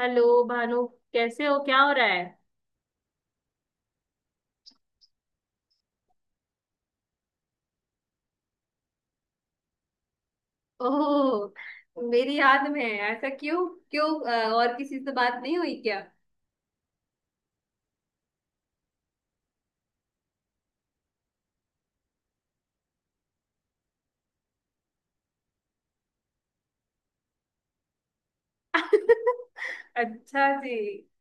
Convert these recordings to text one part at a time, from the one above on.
Hello Bhanu, कैसे हो? क्या हो रहा है? ओह, मेरी याद में है? ऐसा क्यों? क्यों, और किसी से बात नहीं हुई क्या? अच्छा जी,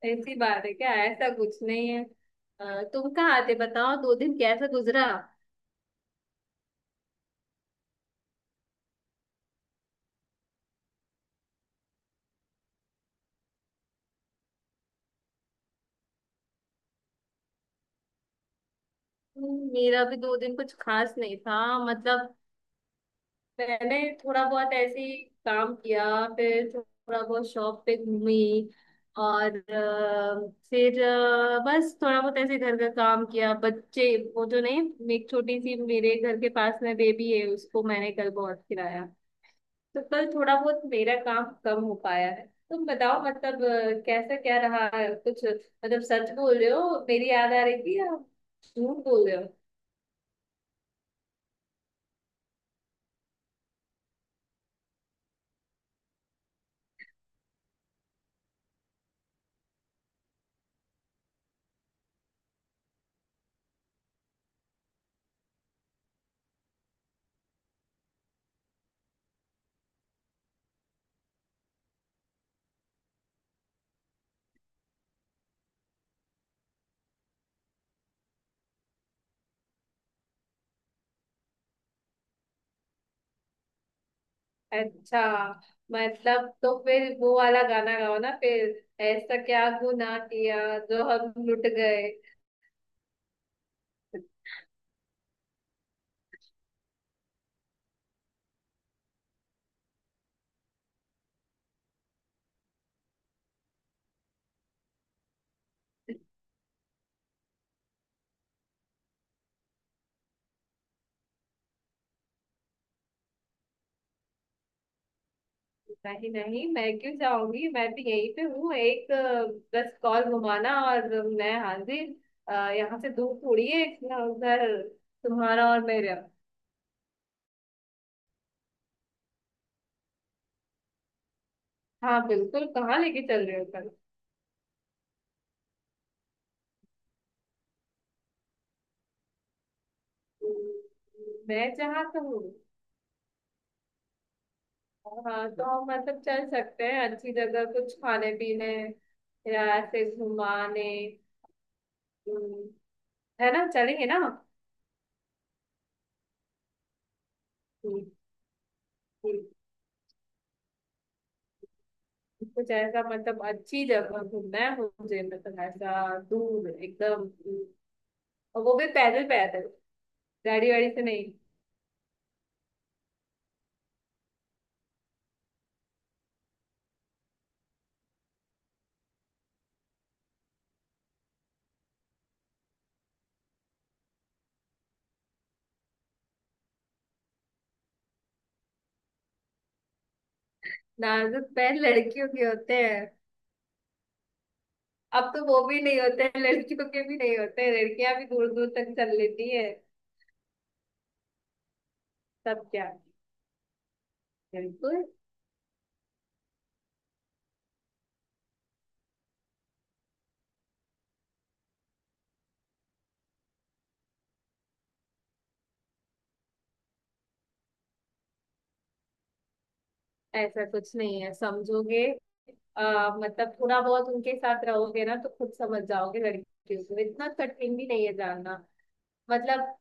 ऐसी बात है क्या? ऐसा कुछ नहीं है। तुम कहाँ आते, बताओ, दो दिन कैसा गुजरा? मेरा भी दो दिन कुछ खास नहीं था। मतलब मैंने थोड़ा बहुत ऐसे ही काम किया, फिर थोड़ा बहुत शॉप पे घूमी, और फिर बस थोड़ा बहुत ऐसे घर का काम किया। बच्चे, वो जो नहीं, एक छोटी सी मेरे घर के पास में बेबी है, उसको मैंने कल बहुत खिलाया, तो कल थोड़ा बहुत मेरा काम कम हो पाया है। तुम बताओ मतलब, कैसा क्या रहा है? कुछ मतलब सच बोल रहे हो, मेरी याद आ रही थी, या झूठ बोल रहे हो? अच्छा, मतलब तो फिर वो वाला गाना गाओ ना, फिर ऐसा क्या गुनाह किया जो हम लुट गए। नहीं नहीं, मैं क्यों जाऊंगी, मैं भी यहीं पे हूँ, एक बस कॉल घुमाना और मैं हाजिर। यहाँ से दूर थोड़ी है इतना, उधर तुम्हारा और मेरा। हाँ बिल्कुल, कहाँ लेके चल रहे हो कल? मैं जहाँ कहूँ। हाँ तो हम मतलब चल सकते हैं अच्छी जगह, कुछ खाने पीने या ऐसे घुमाने। हम्म, है ना, चलेंगे ना? हम्म। हम्म। कुछ ऐसा मतलब अच्छी जगह घूमना है मुझे, मतलब ऐसा दूर एकदम। और वो भी पैदल पैदल, गाड़ी वाड़ी से नहीं। नाजुक पैर लड़कियों के होते हैं। अब तो वो भी नहीं होते हैं, लड़कियों के भी नहीं होते हैं, लड़कियां भी दूर दूर तक चल लेती है। तब क्या? बिल्कुल। ऐसा कुछ नहीं है, समझोगे। मतलब थोड़ा बहुत उनके साथ रहोगे ना तो खुद समझ जाओगे। लड़कियों को इतना कठिन भी नहीं है जानना। मतलब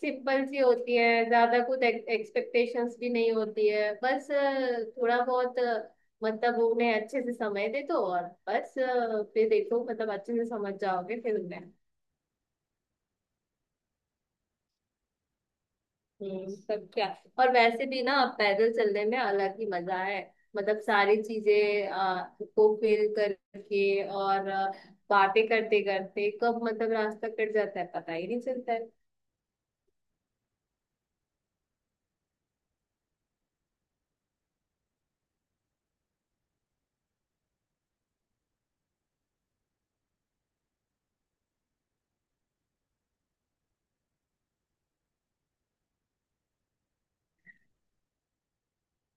सिंपल सी होती है, ज्यादा कुछ एक्सपेक्टेशंस भी नहीं होती है, बस थोड़ा बहुत मतलब उन्हें अच्छे से समय दे दो, और बस फिर देखो, मतलब अच्छे से समझ जाओगे फिर उन्हें। हम्म। सब क्या। और वैसे भी ना, पैदल चलने में अलग ही मजा है। मतलब सारी चीजें को फील करके और बातें करते करते कब मतलब रास्ता कट जाता है पता ही नहीं चलता है।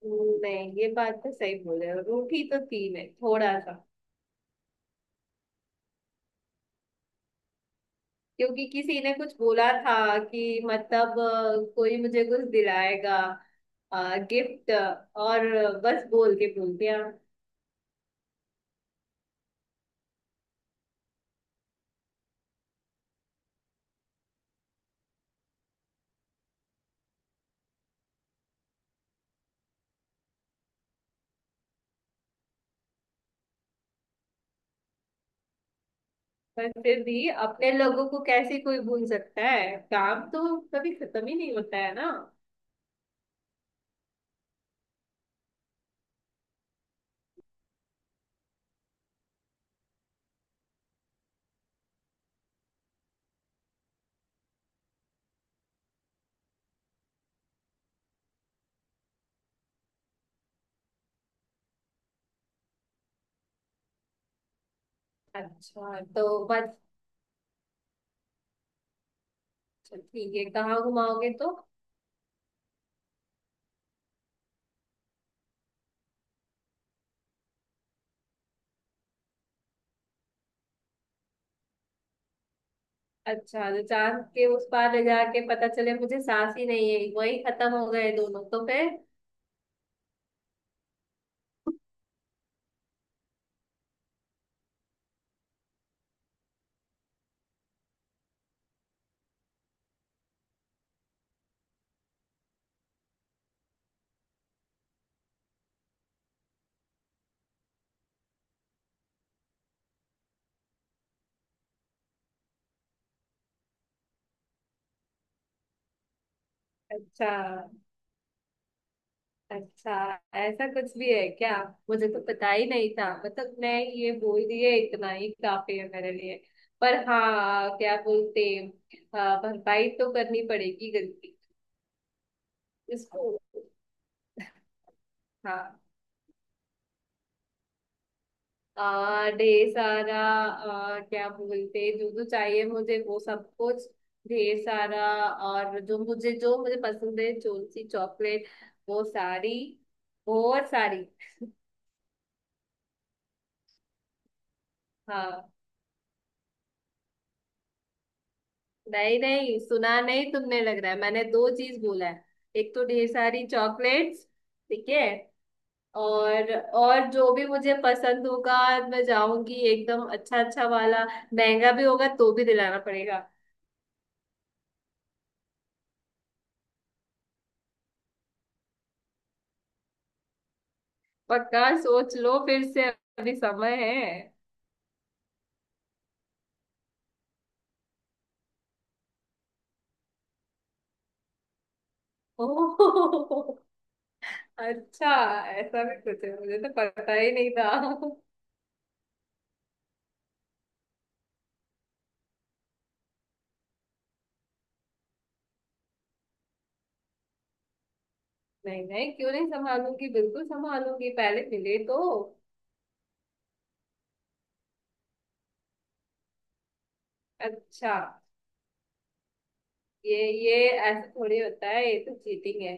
नहीं, ये बात तो सही बोले हो, रूठी तो थी मैं थोड़ा सा। क्योंकि किसी ने कुछ बोला था कि मतलब कोई मुझे कुछ दिलाएगा, गिफ्ट, और बस बोल के भूल गया। पर फिर भी अपने लोगों को कैसे कोई भूल सकता है, काम तो कभी खत्म ही नहीं होता है ना। अच्छा, तो बस ठीक है, कहाँ घुमाओगे तो? अच्छा, तो चांद के उस पार ले जाके पता चले मुझे सांस ही नहीं है, वही खत्म हो गए दोनों, तो फिर? अच्छा। अच्छा, ऐसा कुछ भी है क्या? मुझे तो पता ही नहीं था। मतलब मैं ये बोल दिए इतना ही काफी है मेरे लिए। पर हाँ क्या बोलते। हाँ, भरपाई तो करनी पड़ेगी गलती इसको। हाँ, ढेर सारा, क्या बोलते, जो जो चाहिए मुझे वो सब कुछ, ढेर सारा। और जो मुझे, जो मुझे पसंद है, जो सी चॉकलेट, वो सारी, और सारी। हाँ, नहीं नहीं, सुना नहीं तुमने? लग रहा है मैंने दो चीज बोला है। एक तो ढेर सारी चॉकलेट्स। ठीक है। और और जो भी मुझे पसंद होगा, मैं जाऊंगी एकदम अच्छा अच्छा वाला, महंगा भी होगा तो भी दिलाना पड़ेगा। पक्का सोच लो फिर से, अभी समय है। ओह, अच्छा, ऐसा भी कुछ है, मुझे तो पता ही नहीं था। नहीं नहीं, क्यों नहीं संभालूंगी, बिल्कुल संभालूंगी, पहले मिले तो। अच्छा, ये ये ऐसा थोड़ी होता है, ये तो चीटिंग है।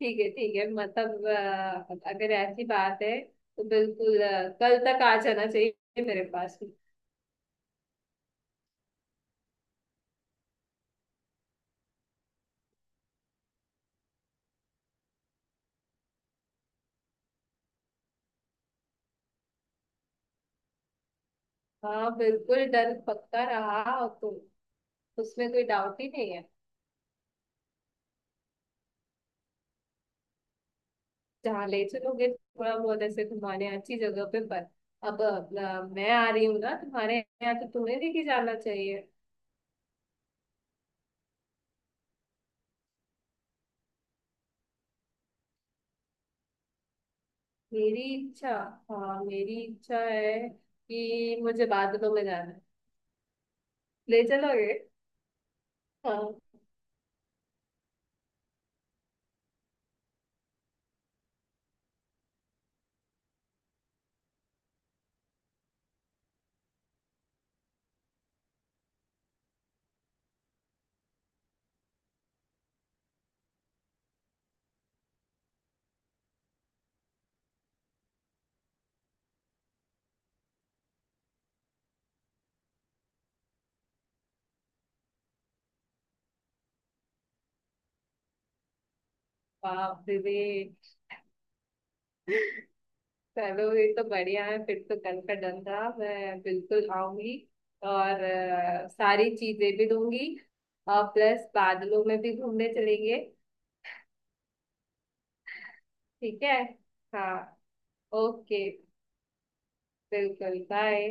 ठीक है, ठीक है, मतलब अगर ऐसी बात है तो बिल्कुल कल तक आ जाना चाहिए मेरे पास भी। हाँ बिल्कुल, डन, पक्का रहा, और तो उसमें कोई डाउट ही नहीं है। जहाँ ले चलोगे, थोड़ा बहुत ऐसे घुमाने अच्छी जगह पे, पर अब मैं आ रही हूँ ना तुम्हारे यहाँ, तो तुम्हें लेके जाना चाहिए। मेरी इच्छा? हाँ, मेरी इच्छा है कि मुझे बादलों में जाना है। ले चलोगे? हाँ। बाप रे बे। चलो, ये तो बढ़िया है, फिर तो कल का डन था, मैं बिल्कुल आऊंगी। और सारी चीजें भी दूंगी। और प्लस बादलों में भी घूमने चलेंगे। ठीक है। हाँ। ओके, बिल्कुल, बाय।